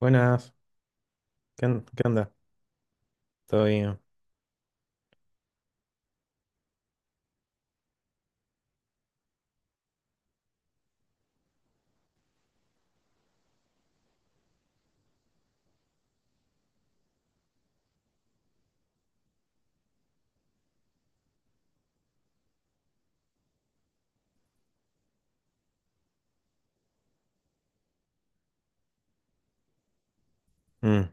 Buenas, ¿ qué onda? ¿Todo bien? Mm,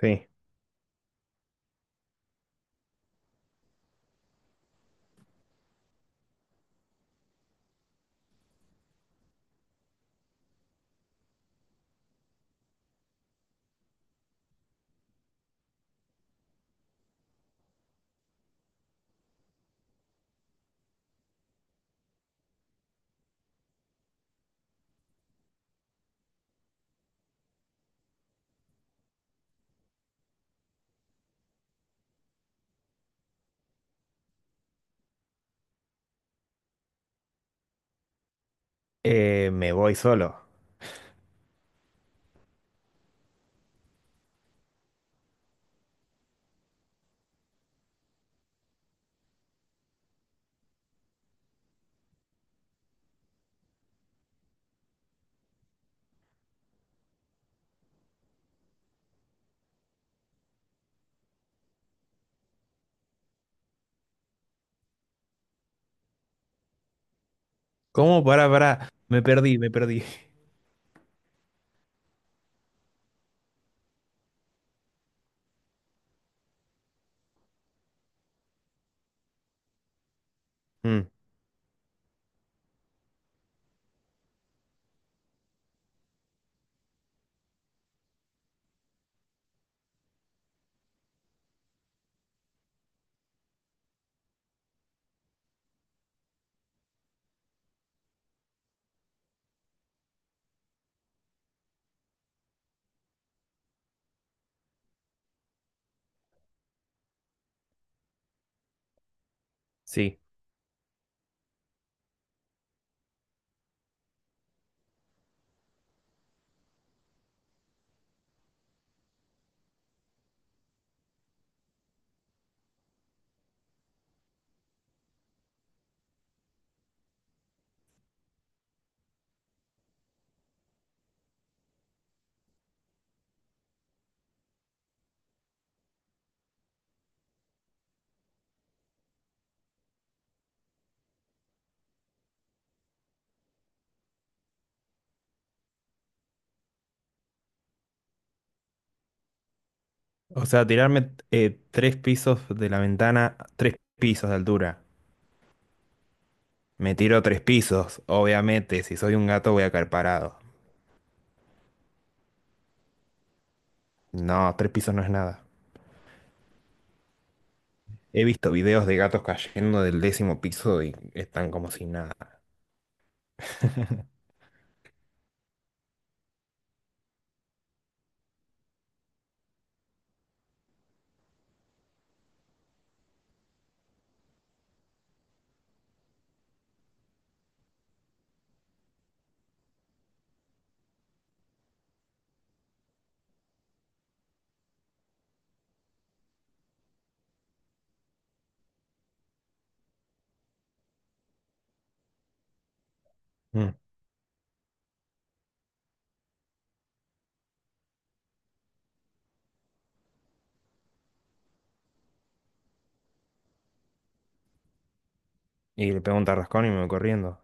sí. Me voy solo. ¿Cómo? Pará. Me perdí. Mm, sí. O sea, tirarme tres pisos de la ventana, tres pisos de altura. Me tiro tres pisos, obviamente. Si soy un gato voy a caer parado. No, tres pisos no es nada. He visto videos de gatos cayendo del décimo piso y están como si nada. Mm. Y le pego un tarrascón y me voy corriendo.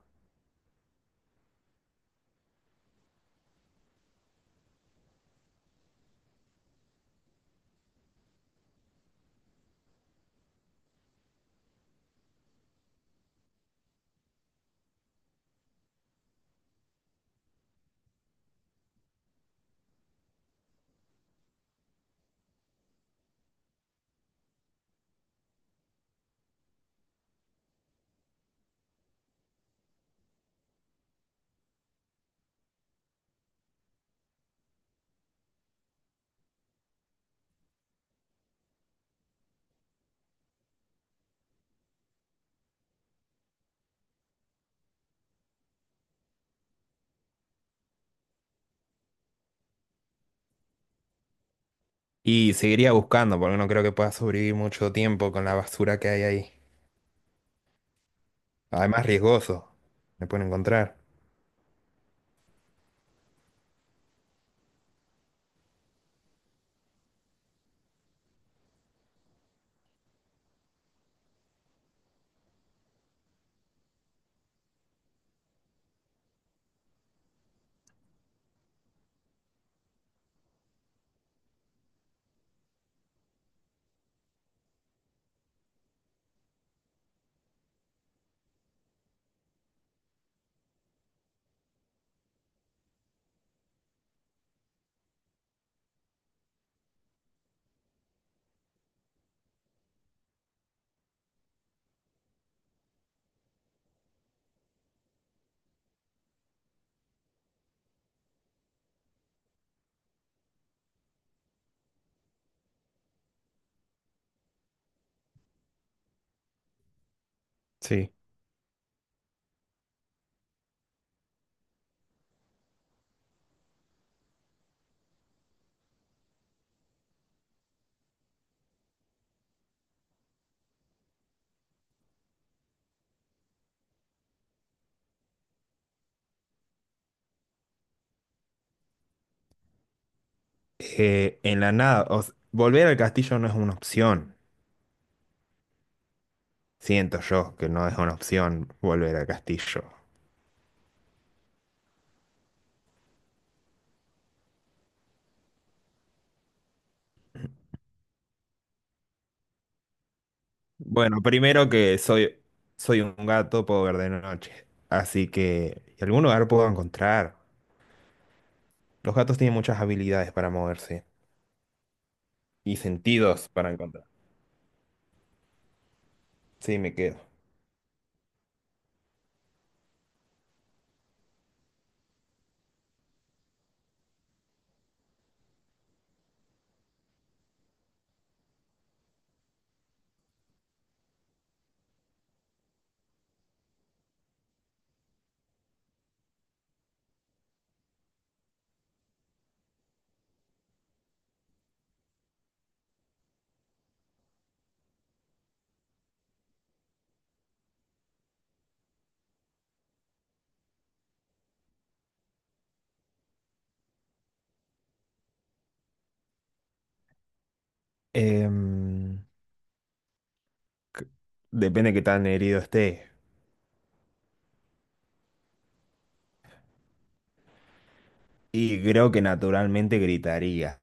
Y seguiría buscando, porque no creo que pueda sobrevivir mucho tiempo con la basura que hay ahí. Además, riesgoso. Me pueden encontrar. Sí. En la nada, volver al castillo no es una opción. Siento yo que no es una opción volver al castillo. Bueno, soy un gato, puedo ver de noche. Así que y algún lugar puedo encontrar. Los gatos tienen muchas habilidades para moverse y sentidos para encontrar. Sí, me quedo. Em, Depende de qué tan herido esté. Y creo que naturalmente gritaría.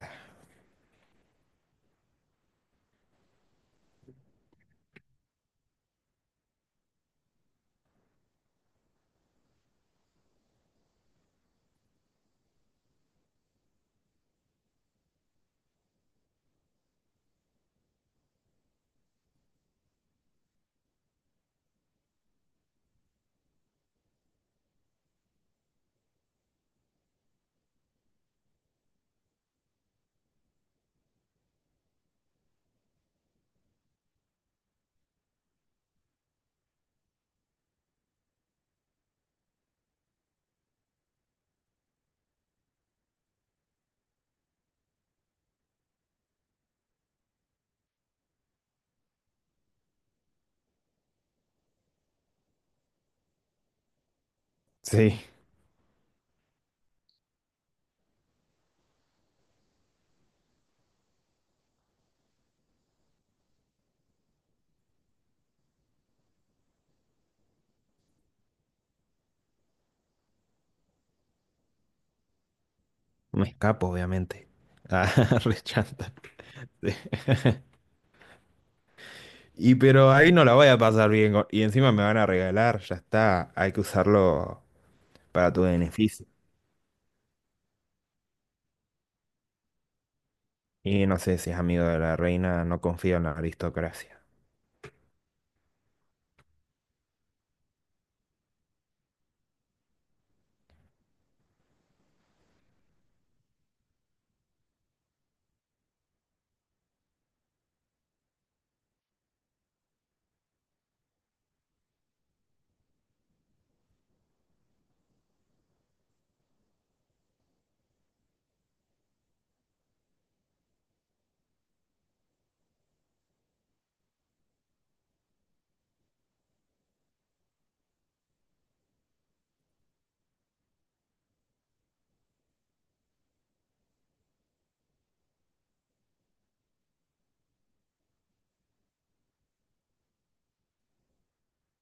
Sí, me escapo, obviamente. Ah, re chanta. Sí. Y pero ahí no la voy a pasar bien. Y encima me van a regalar, ya está. Hay que usarlo para tu beneficio. Y no sé si es amigo de la reina, no confío en la aristocracia.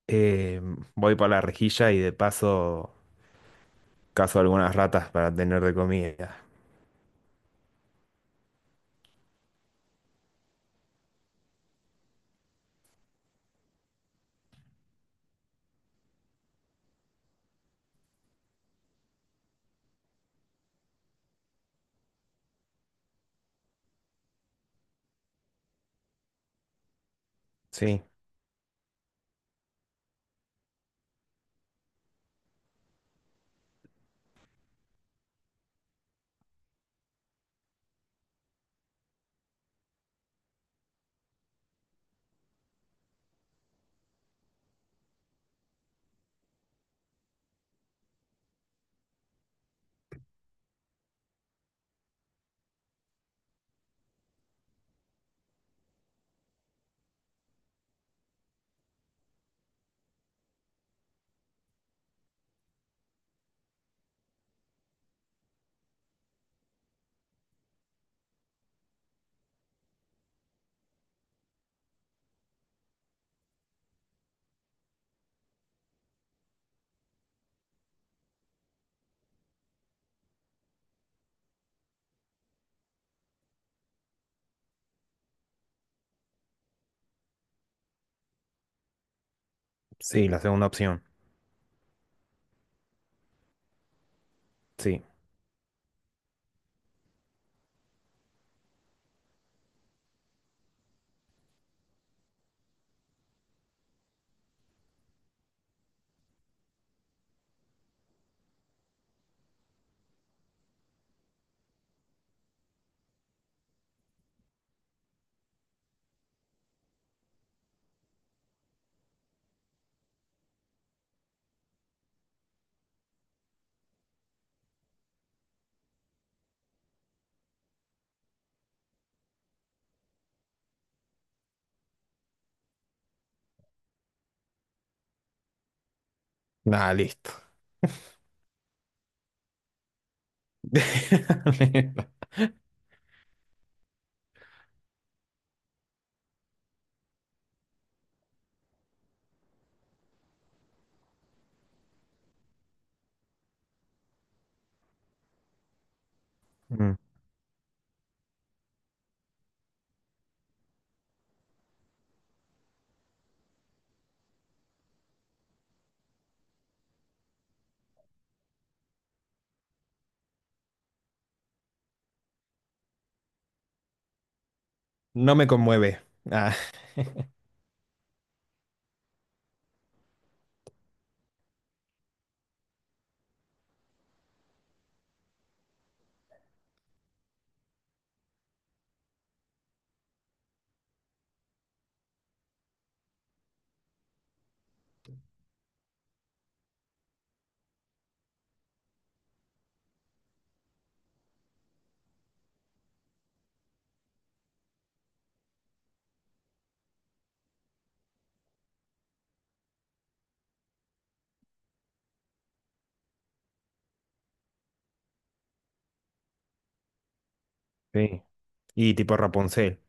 Eh, Voy para la rejilla y de paso cazo algunas ratas para tener de comida. Sí, sí, la segunda opción. Sí. Nada, listo. Mm. No me conmueve. Ah. Sí. Y tipo Rapunzel,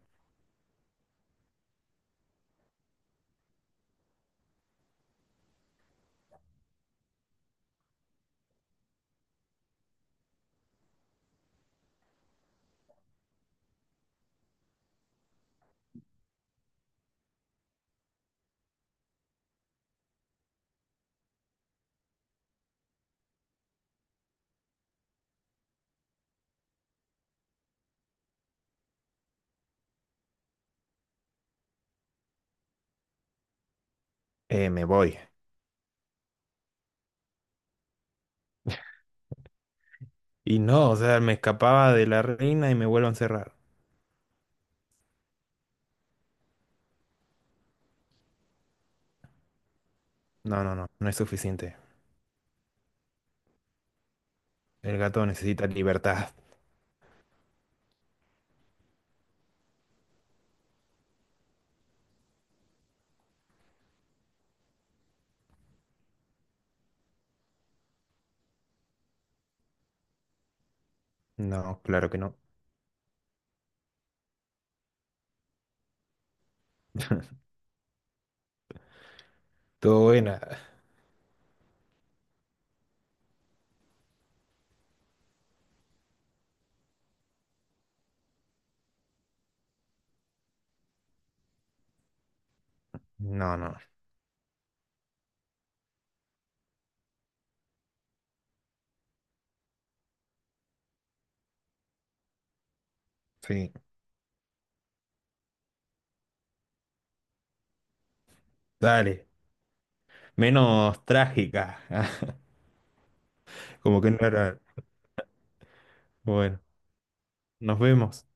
me voy. Y no, o sea, me escapaba de la reina y me vuelvo a encerrar. No, no, no, no es suficiente. El gato necesita libertad. No, claro que no. Todo buena. No, no, sí. Dale. Menos trágica. Como que no era. Bueno, nos vemos.